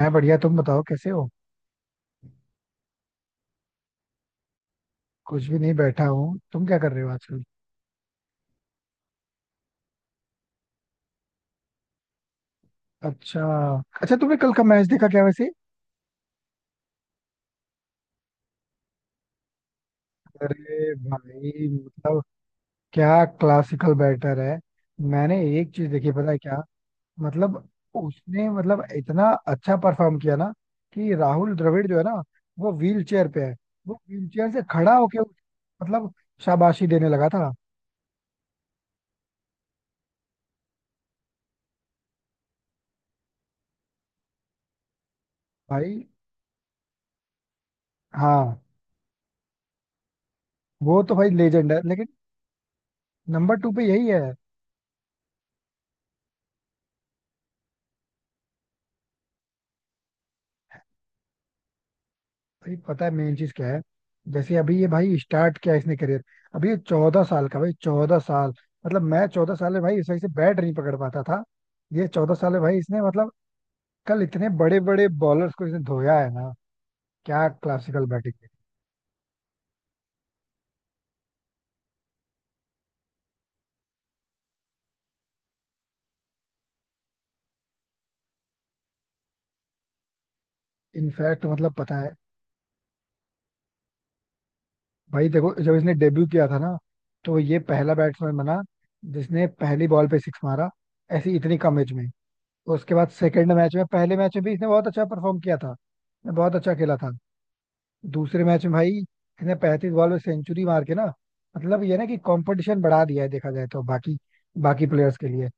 मैं बढ़िया। तुम बताओ कैसे हो। कुछ भी नहीं, बैठा हूँ। तुम क्या कर रहे हो आजकल? अच्छा। अच्छा, तुमने कल का मैच देखा क्या वैसे? अरे भाई मतलब क्या क्लासिकल बैटर है। मैंने एक चीज देखी, पता है क्या? मतलब उसने मतलब इतना अच्छा परफॉर्म किया ना कि राहुल द्रविड़ जो है ना, वो व्हील चेयर पे है, वो व्हील चेयर से खड़ा होके मतलब शाबाशी देने लगा था भाई। हाँ, वो तो भाई लेजेंड है, लेकिन नंबर टू पे यही है। भाई पता है मेन चीज क्या है। जैसे अभी ये भाई स्टार्ट किया इसने करियर। अभी ये 14 साल का भाई, चौदह साल। मतलब मैं चौदह साल में भाई इस वजह से बैट नहीं पकड़ पाता था। ये चौदह साल में भाई इसने मतलब कल इतने बड़े बड़े बॉलर्स को इसने धोया है ना। क्या क्लासिकल बैटिंग है। इनफैक्ट मतलब पता है। भाई देखो, जब इसने डेब्यू किया था ना, तो ये पहला बैट्समैन बना जिसने पहली बॉल पे सिक्स मारा, ऐसी इतनी कम एज में। उसके बाद सेकेंड मैच में, पहले मैच में भी इसने बहुत अच्छा परफॉर्म किया था, इसने बहुत अच्छा खेला था। दूसरे मैच में भाई इसने 35 बॉल में सेंचुरी मार के ना मतलब ये ना कि कंपटीशन बढ़ा दिया है देखा जाए तो बाकी, बाकी प्लेयर्स के लिए।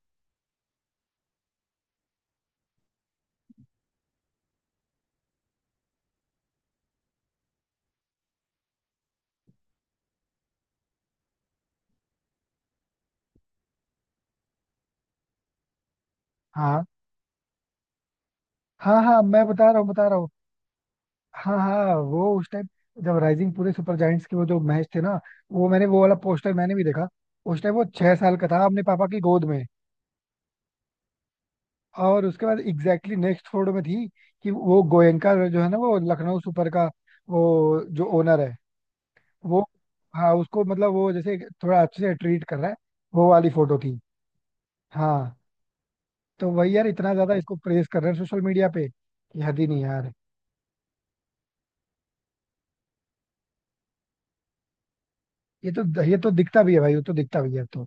हाँ हाँ, हाँ मैं बता रहा हूँ बता रहा हूँ। हाँ हाँ, वो उस टाइम जब राइजिंग पूरे सुपर जायंट्स के वो जो मैच थे ना, वो मैंने वो वाला पोस्टर मैंने भी देखा। उस टाइम वो 6 साल का था, अपने पापा की गोद में। और उसके बाद एग्जैक्टली नेक्स्ट फोटो में थी कि वो गोयनका जो है ना, वो लखनऊ सुपर का, वो जो ओनर है, वो, हाँ उसको मतलब वो जैसे थोड़ा अच्छे से ट्रीट कर रहा है, वो वाली फोटो थी। हाँ। तो वही यार, इतना ज्यादा इसको प्रेस कर रहे हैं सोशल मीडिया पे कि हद ही नहीं यार। ये तो दिखता भी है भाई, वो तो दिखता भी है अब तो।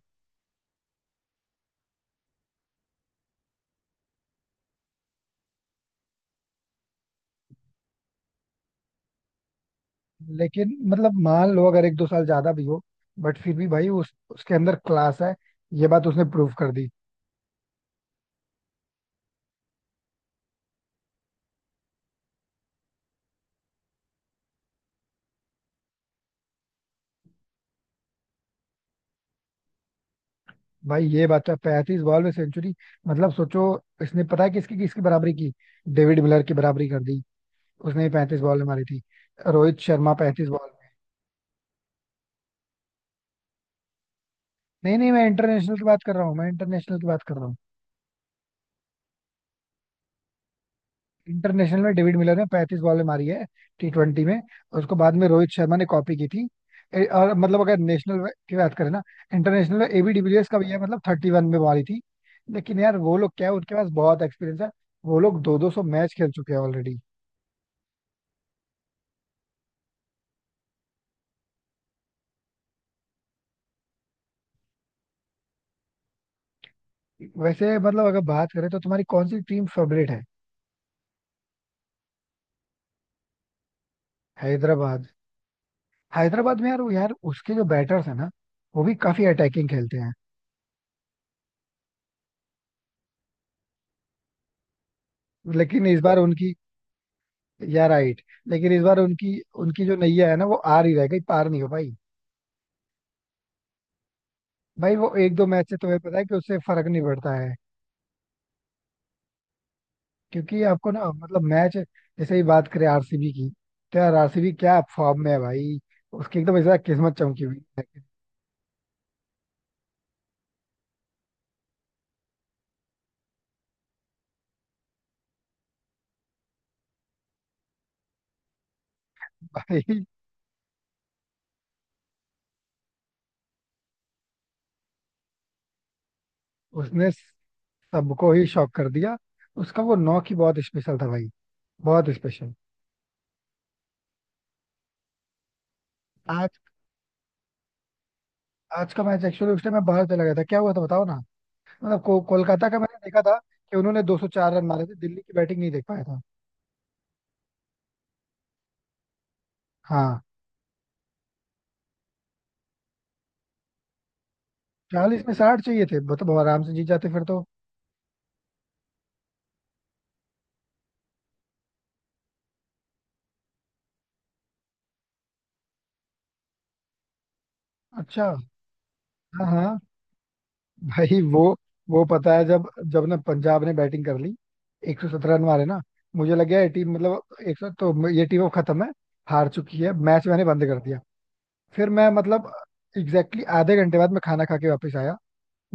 लेकिन मतलब मान लो अगर एक दो साल ज्यादा भी हो, बट फिर भी भाई उस उसके अंदर क्लास है, ये बात उसने प्रूव कर दी। भाई ये बात तो है, पैंतीस बॉल में सेंचुरी, मतलब सोचो। इसने पता है किसकी किसकी बराबरी की? डेविड मिलर की बराबरी कर दी। उसने पैंतीस बॉल में मारी थी। रोहित शर्मा पैंतीस बॉल। नहीं नहीं, मैं इंटरनेशनल की बात कर रहा हूँ, मैं इंटरनेशनल की बात कर रहा हूँ। इंटरनेशनल में डेविड मिलर ने पैंतीस बॉलें मारी है, T20 में। और उसको बाद में रोहित शर्मा ने कॉपी की थी। और मतलब अगर नेशनल की बात करें ना। इंटरनेशनल में एबी डिविलियर्स का भी है, मतलब 31 में मारी थी। लेकिन यार वो लोग क्या है, उनके पास बहुत एक्सपीरियंस है। वो लोग दो दो सौ मैच खेल चुके हैं ऑलरेडी। वैसे मतलब अगर बात करें तो तुम्हारी कौन सी टीम फेवरेट है? हैदराबाद। हैदराबाद में यार, वो यार उसके जो बैटर्स है ना, वो भी काफी अटैकिंग खेलते हैं। लेकिन इस बार उनकी, या राइट। लेकिन इस बार उनकी उनकी जो नैया है ना, वो आर ही रह गई, पार नहीं हो भाई। भाई वो एक दो मैच से तुम्हें पता है कि उससे फर्क नहीं पड़ता है। क्योंकि आपको ना मतलब मैच जैसे ही बात करें आरसीबी की, तो यार आरसीबी क्या फॉर्म में है भाई! उसकी एकदम ऐसा किस्मत चमकी हुई है। भाई उसने सबको ही शॉक कर दिया। उसका वो नॉक ही बहुत स्पेशल था भाई, बहुत स्पेशल। आज, आज का मैच एक्चुअली उस टाइम मैं बाहर चला गया था, क्या हुआ था बताओ ना। मतलब कोलकाता का मैंने देखा था कि उन्होंने 204 रन मारे थे, दिल्ली की बैटिंग नहीं देख पाया था। हाँ। चालीस में साठ चाहिए थे, मतलब आराम से जीत जाते फिर तो। अच्छा। हाँ हाँ, भाई वो पता है, जब जब ना पंजाब ने बैटिंग कर ली, 117 रन मारे ना, मुझे लग गया ये टीम मतलब, एक सौ तो ये टीम अब खत्म है, हार चुकी है मैच, मैंने बंद कर दिया। फिर मैं मतलब एग्जैक्टली आधे घंटे बाद मैं खाना खा के वापस आया।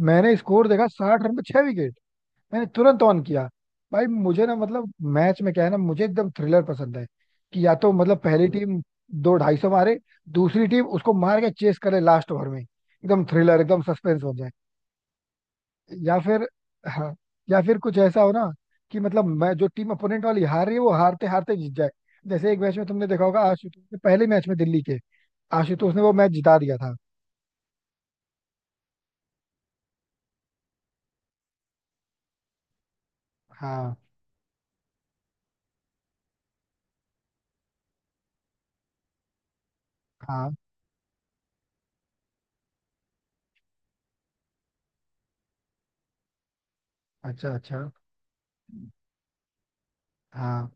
मैंने स्कोर देखा, साठ रन पे छह विकेट। मैंने तुरंत ऑन किया। भाई मुझे ना मतलब मैच में क्या है ना, मुझे एकदम थ्रिलर पसंद है कि या तो मतलब पहली टीम दो ढाई सौ मारे, दूसरी टीम उसको मार के चेस करे, लास्ट ओवर में एकदम थ्रिलर एकदम सस्पेंस हो जाए। या फिर, हाँ, या फिर कुछ ऐसा हो ना कि मतलब मैं जो टीम अपोनेंट वाली हार रही है वो हारते हारते जीत जाए। जैसे एक मैच में तुमने देखा होगा आशुतोष ने, पहले मैच में दिल्ली के, आशुतोष ने वो मैच जिता दिया था। हाँ हाँ। अच्छा अच्छा। हाँ।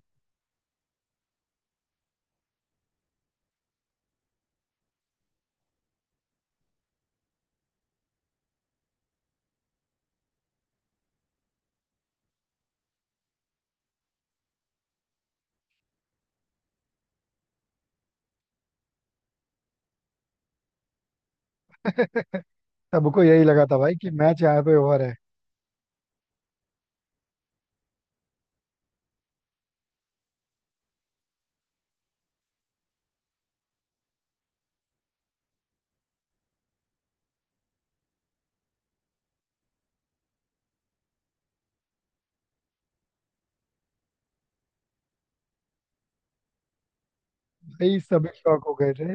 सबको यही लगा था भाई कि मैच यहाँ पे ओवर है। भाई सभी शौक हो गए थे।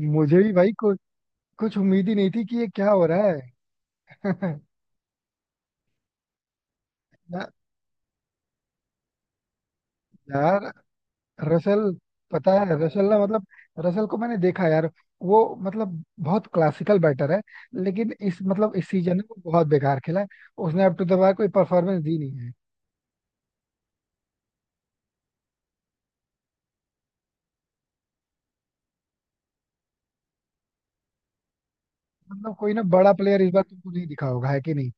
मुझे भी भाई कुछ उम्मीद ही नहीं थी कि ये क्या हो रहा है। या, यार रसल, पता है रसल ना मतलब, रसल को मैंने देखा यार, वो मतलब बहुत क्लासिकल बैटर है लेकिन इस मतलब इस सीजन में वो बहुत बेकार खेला है। उसने अब टू द बार कोई परफॉर्मेंस दी नहीं है। मतलब कोई ना बड़ा प्लेयर इस बार तुमको नहीं दिखा होगा, है कि नहीं?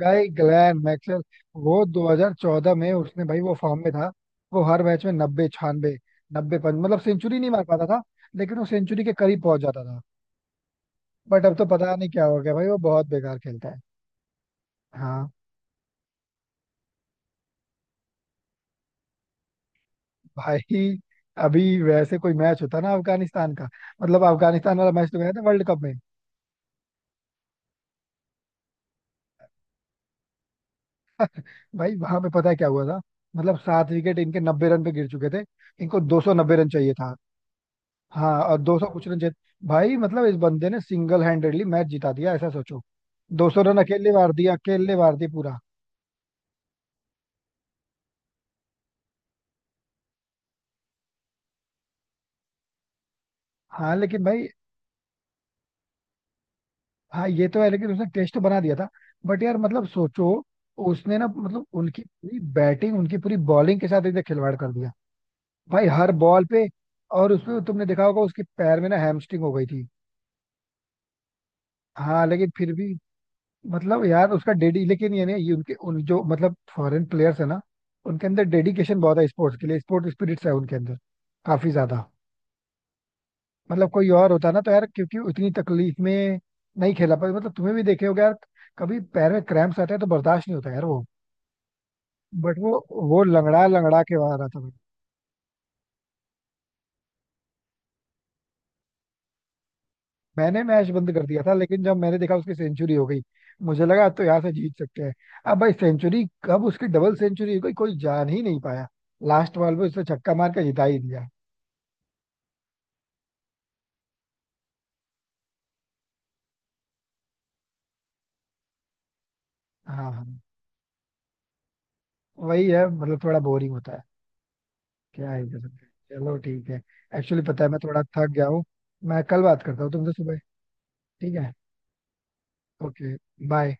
गाय ग्लैन मैक्सवेल, वो 2014 में उसने भाई वो फॉर्म में था। वो हर मैच में नब्बे छियानवे, नब्बे पर मतलब सेंचुरी नहीं मार पाता था, लेकिन वो सेंचुरी के करीब पहुंच जाता था। बट अब तो पता नहीं क्या हो गया भाई, वो बहुत बेकार खेलता है। हाँ भाई। अभी वैसे कोई मैच होता ना अफगानिस्तान का, मतलब अफगानिस्तान वाला मैच तो गया था वर्ल्ड कप में। भाई वहां पे पता है क्या हुआ था? मतलब 7 विकेट इनके नब्बे रन पे गिर चुके थे, इनको 290 रन चाहिए था। हाँ, और 200 कुछ रन जीत, भाई मतलब इस बंदे ने सिंगल हैंडेडली मैच जिता दिया, ऐसा सोचो। 200 रन अकेले मार दिया, अकेले मार दिया पूरा। हाँ लेकिन भाई, हाँ ये तो है, लेकिन उसने टेस्ट तो बना दिया था, बट यार मतलब सोचो, उसने ना मतलब उनकी पूरी बैटिंग उनकी पूरी बॉलिंग के साथ एकदम खिलवाड़ कर दिया भाई, हर बॉल पे। और उसमें तुमने देखा होगा उसके पैर में ना हैमस्ट्रिंग हो गई थी। हाँ, लेकिन फिर भी मतलब यार उसका डेडी, लेकिन ये नहीं, ये उनके उन जो मतलब फॉरेन प्लेयर्स है ना, उनके अंदर डेडिकेशन बहुत है स्पोर्ट्स के लिए, स्पोर्ट स्पिरिट्स है उनके अंदर, काफी ज्यादा। मतलब कोई और होता ना तो यार, क्योंकि उतनी तकलीफ में नहीं खेला पाते, मतलब तुम्हें भी देखे होगे यार, कभी पैर में क्रैम्प्स आते हैं तो बर्दाश्त नहीं होता यार वो। बट वो लंगड़ा लंगड़ा के बाहर आता था। मैंने मैच बंद कर दिया था, लेकिन जब मैंने देखा उसकी सेंचुरी हो गई, मुझे लगा तो यहाँ से जीत सकते हैं। अब भाई सेंचुरी, कब उसकी डबल सेंचुरी हो गई कोई जान ही नहीं पाया, लास्ट बॉल पे उसने छक्का मार के जिता ही दिया। हाँ हाँ। वही है, मतलब थोड़ा बोरिंग होता है, क्या है कर सकते हैं। चलो ठीक है। एक्चुअली पता है मैं थोड़ा थक गया हूँ, मैं कल बात करता हूँ तुमसे सुबह। ठीक है। ओके। बाय।